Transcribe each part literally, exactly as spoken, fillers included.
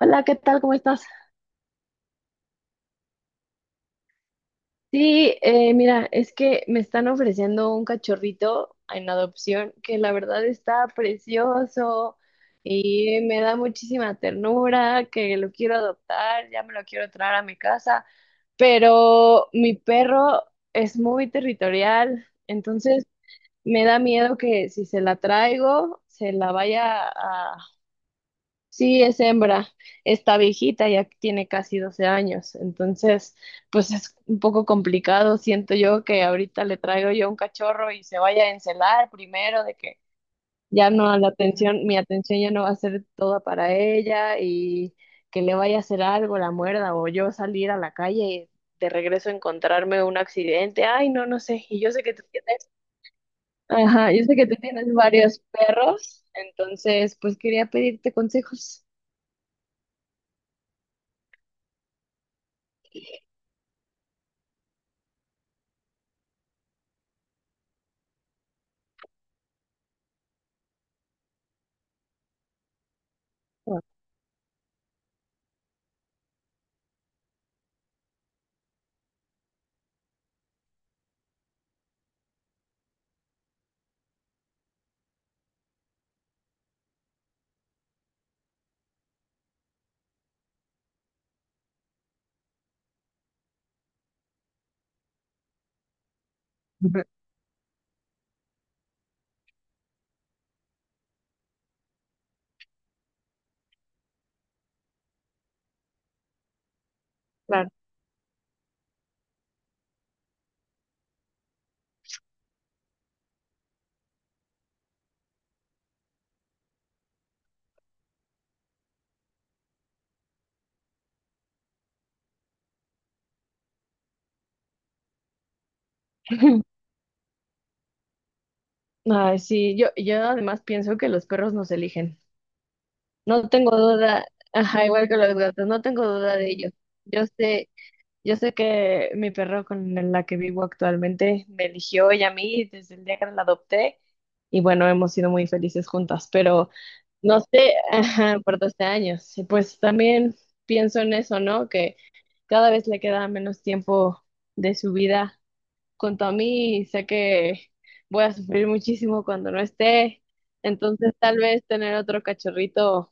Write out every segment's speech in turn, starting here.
Hola, ¿qué tal? ¿Cómo estás? Sí, eh, mira, es que me están ofreciendo un cachorrito en adopción que la verdad está precioso y me da muchísima ternura, que lo quiero adoptar, ya me lo quiero traer a mi casa, pero mi perro es muy territorial, entonces me da miedo que si se la traigo, se la vaya a. Sí, es hembra, está viejita, ya tiene casi doce años, entonces pues es un poco complicado, siento yo que ahorita le traigo yo un cachorro y se vaya a encelar primero, de que ya no la atención, mi atención ya no va a ser toda para ella y que le vaya a hacer algo, la muerda o yo salir a la calle y de regreso encontrarme un accidente, ay no, no sé, y yo sé que tú tienes, ajá, yo sé que tú tienes varios perros, entonces pues quería pedirte consejos. Claro. Ay, sí, yo, yo además pienso que los perros nos eligen. No tengo duda, ajá, igual que los gatos, no tengo duda de ello. Yo sé, yo sé que mi perro con la que vivo actualmente me eligió ella a mí desde el día que la adopté y bueno, hemos sido muy felices juntas, pero no sé, ajá, por doce años. Y pues también pienso en eso, ¿no? Que cada vez le queda menos tiempo de su vida con Tommy, sé que voy a sufrir muchísimo cuando no esté. Entonces, tal vez tener otro cachorrito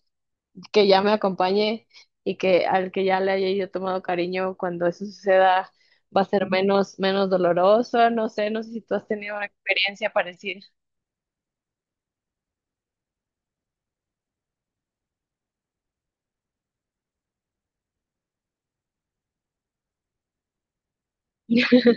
que ya me acompañe y que al que ya le haya yo tomado cariño cuando eso suceda va a ser menos, menos doloroso. No sé, no sé si tú has tenido una experiencia parecida.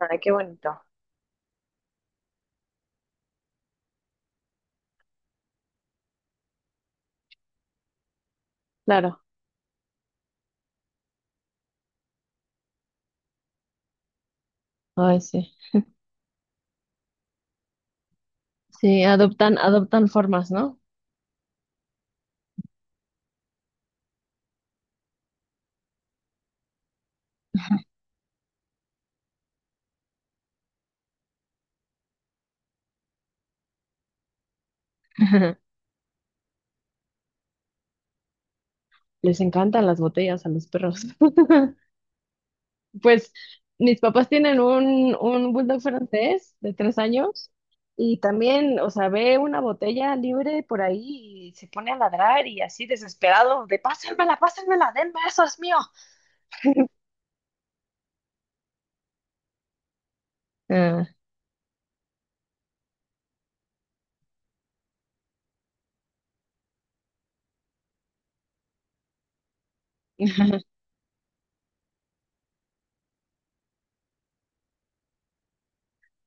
Ay, qué bonito. Claro. Ay, sí. Sí, adoptan, adoptan formas, ¿no? Les encantan las botellas a los perros. Pues mis papás tienen un, un bulldog francés de tres años y también, o sea, ve una botella libre por ahí y se pone a ladrar y así desesperado de pásenmela, pásenmela, denme eso, es mío. Ah,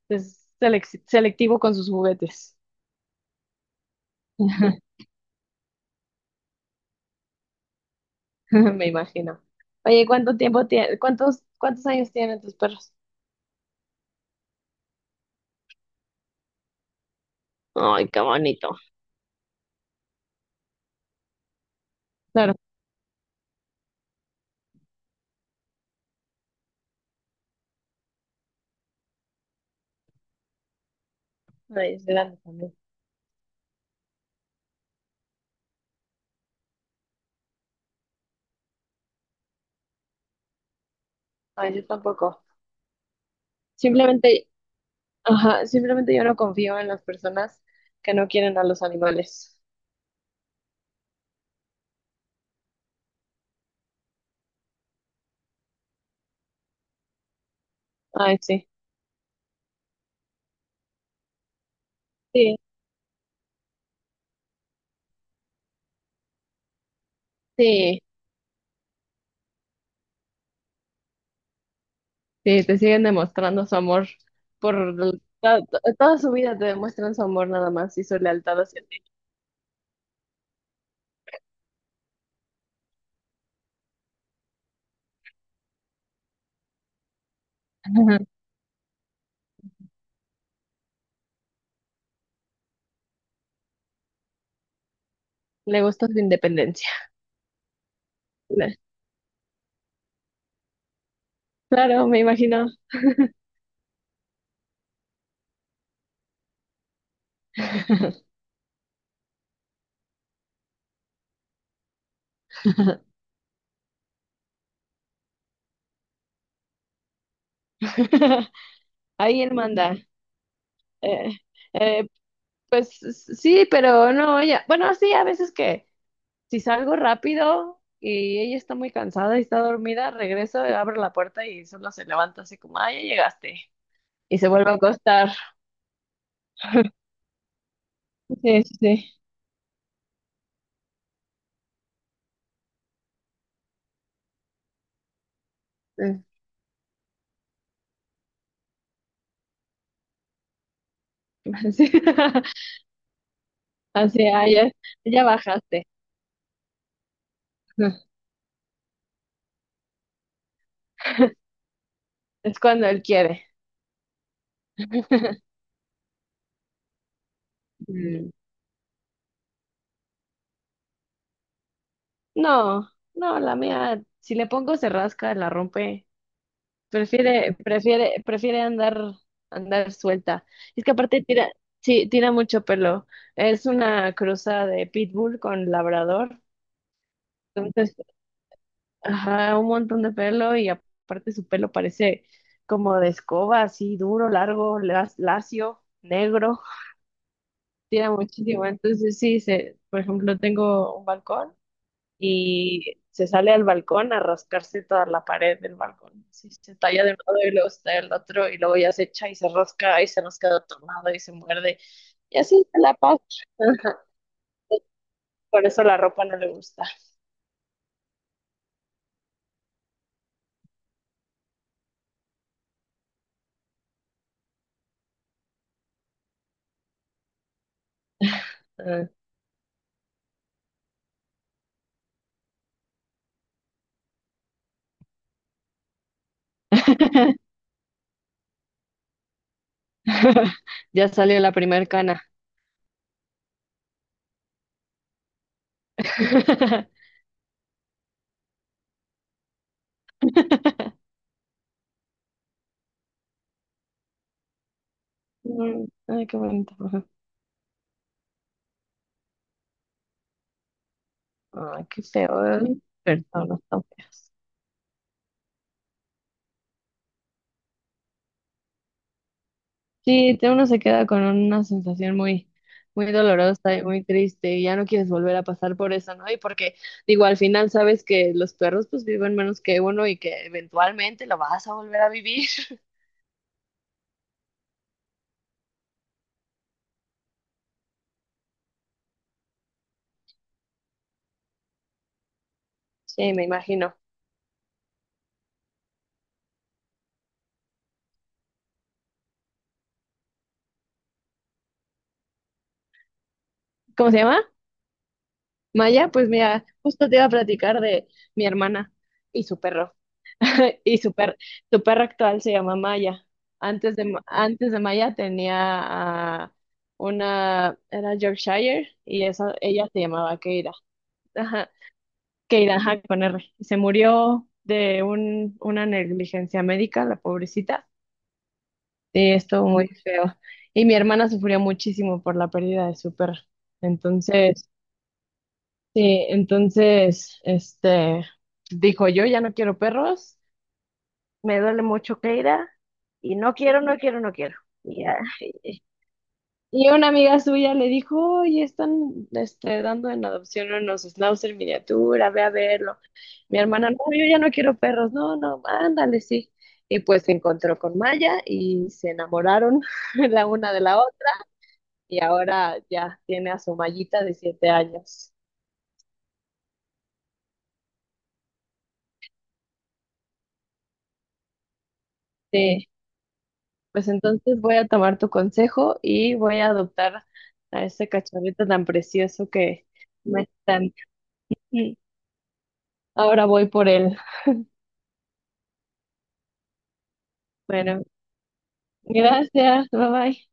es selec- selectivo con sus juguetes. Me imagino. Oye, ¿cuánto tiempo tiene, cuántos, cuántos años tienen tus perros? Ay, qué bonito. Claro. Ay, es grande también. Ay, yo tampoco. Simplemente, ajá, simplemente yo no confío en las personas que no quieren a los animales. Ay, sí. Sí, sí, sí, te siguen demostrando su amor por el- to- to- toda su vida te demuestran su amor nada más y su lealtad hacia ti. Ajá. Le gusta su independencia. Le- Claro, me imagino. Ahí él manda. Eh, eh, pues sí, pero no, ella. Bueno, sí, a veces que si salgo rápido y ella está muy cansada y está dormida, regreso, abro la puerta y solo se levanta así como, ah, ya llegaste. Y se vuelve a acostar. Sí, sí, sí. Eh, Así, así, ah, ya, ya bajaste. Es cuando él quiere. Mm. No, no, la mía, si le pongo se rasca, la rompe. Prefiere, prefiere, prefiere andar, andar suelta. Es que aparte tira, sí, tira mucho pelo. Es una cruza de pitbull con labrador. Entonces, ajá, un montón de pelo y aparte su pelo parece como de escoba, así duro, largo, las- lacio, negro. Tira muchísimo. Entonces, sí, se, por ejemplo, tengo un balcón y se sale al balcón a rascarse toda la pared del balcón. Así se talla de un lado y luego se talla del otro y luego ya se echa y se rasca y se nos queda tomado y se muerde. Y así se la pasa. Por eso la ropa no le gusta. Ah. Ya salió la primer cana. Mm, ay, qué bonito. Ay, qué feo, ¿eh? Personas tan feas. Sí, te- uno se queda con una sensación muy, muy dolorosa y muy triste y ya no quieres volver a pasar por eso, ¿no? Y porque, digo, al final sabes que los perros pues viven menos que uno y que eventualmente lo vas a volver a vivir. Sí, me imagino. ¿Cómo se llama? Maya, pues mira, justo te iba a platicar de mi hermana y su perro. Y su per- su perro actual se llama Maya. Antes de, Ma- antes de Maya tenía a una, era Yorkshire y esa, ella se llamaba Keira. Ajá. Keira, ajá, con R. Se murió de un- una negligencia médica, la pobrecita. Sí, estuvo muy feo. Y mi hermana sufrió muchísimo por la pérdida de su perro. Entonces, sí, entonces, este, dijo yo ya no quiero perros, me duele mucho Keira, y no quiero, no quiero, no quiero. Y ya, y una amiga suya le dijo, oye, están este, dando en adopción unos schnauzer miniatura, ve a verlo. Mi hermana, no, yo ya no quiero perros, no, no, ándale, sí. Y pues se encontró con Maya y se enamoraron la una de la otra. Y ahora ya tiene a su Mayita de siete años. Sí, pues entonces voy a tomar tu consejo y voy a adoptar a ese cachorrito tan precioso que me están. Ahora voy por él. Bueno, gracias, bye bye.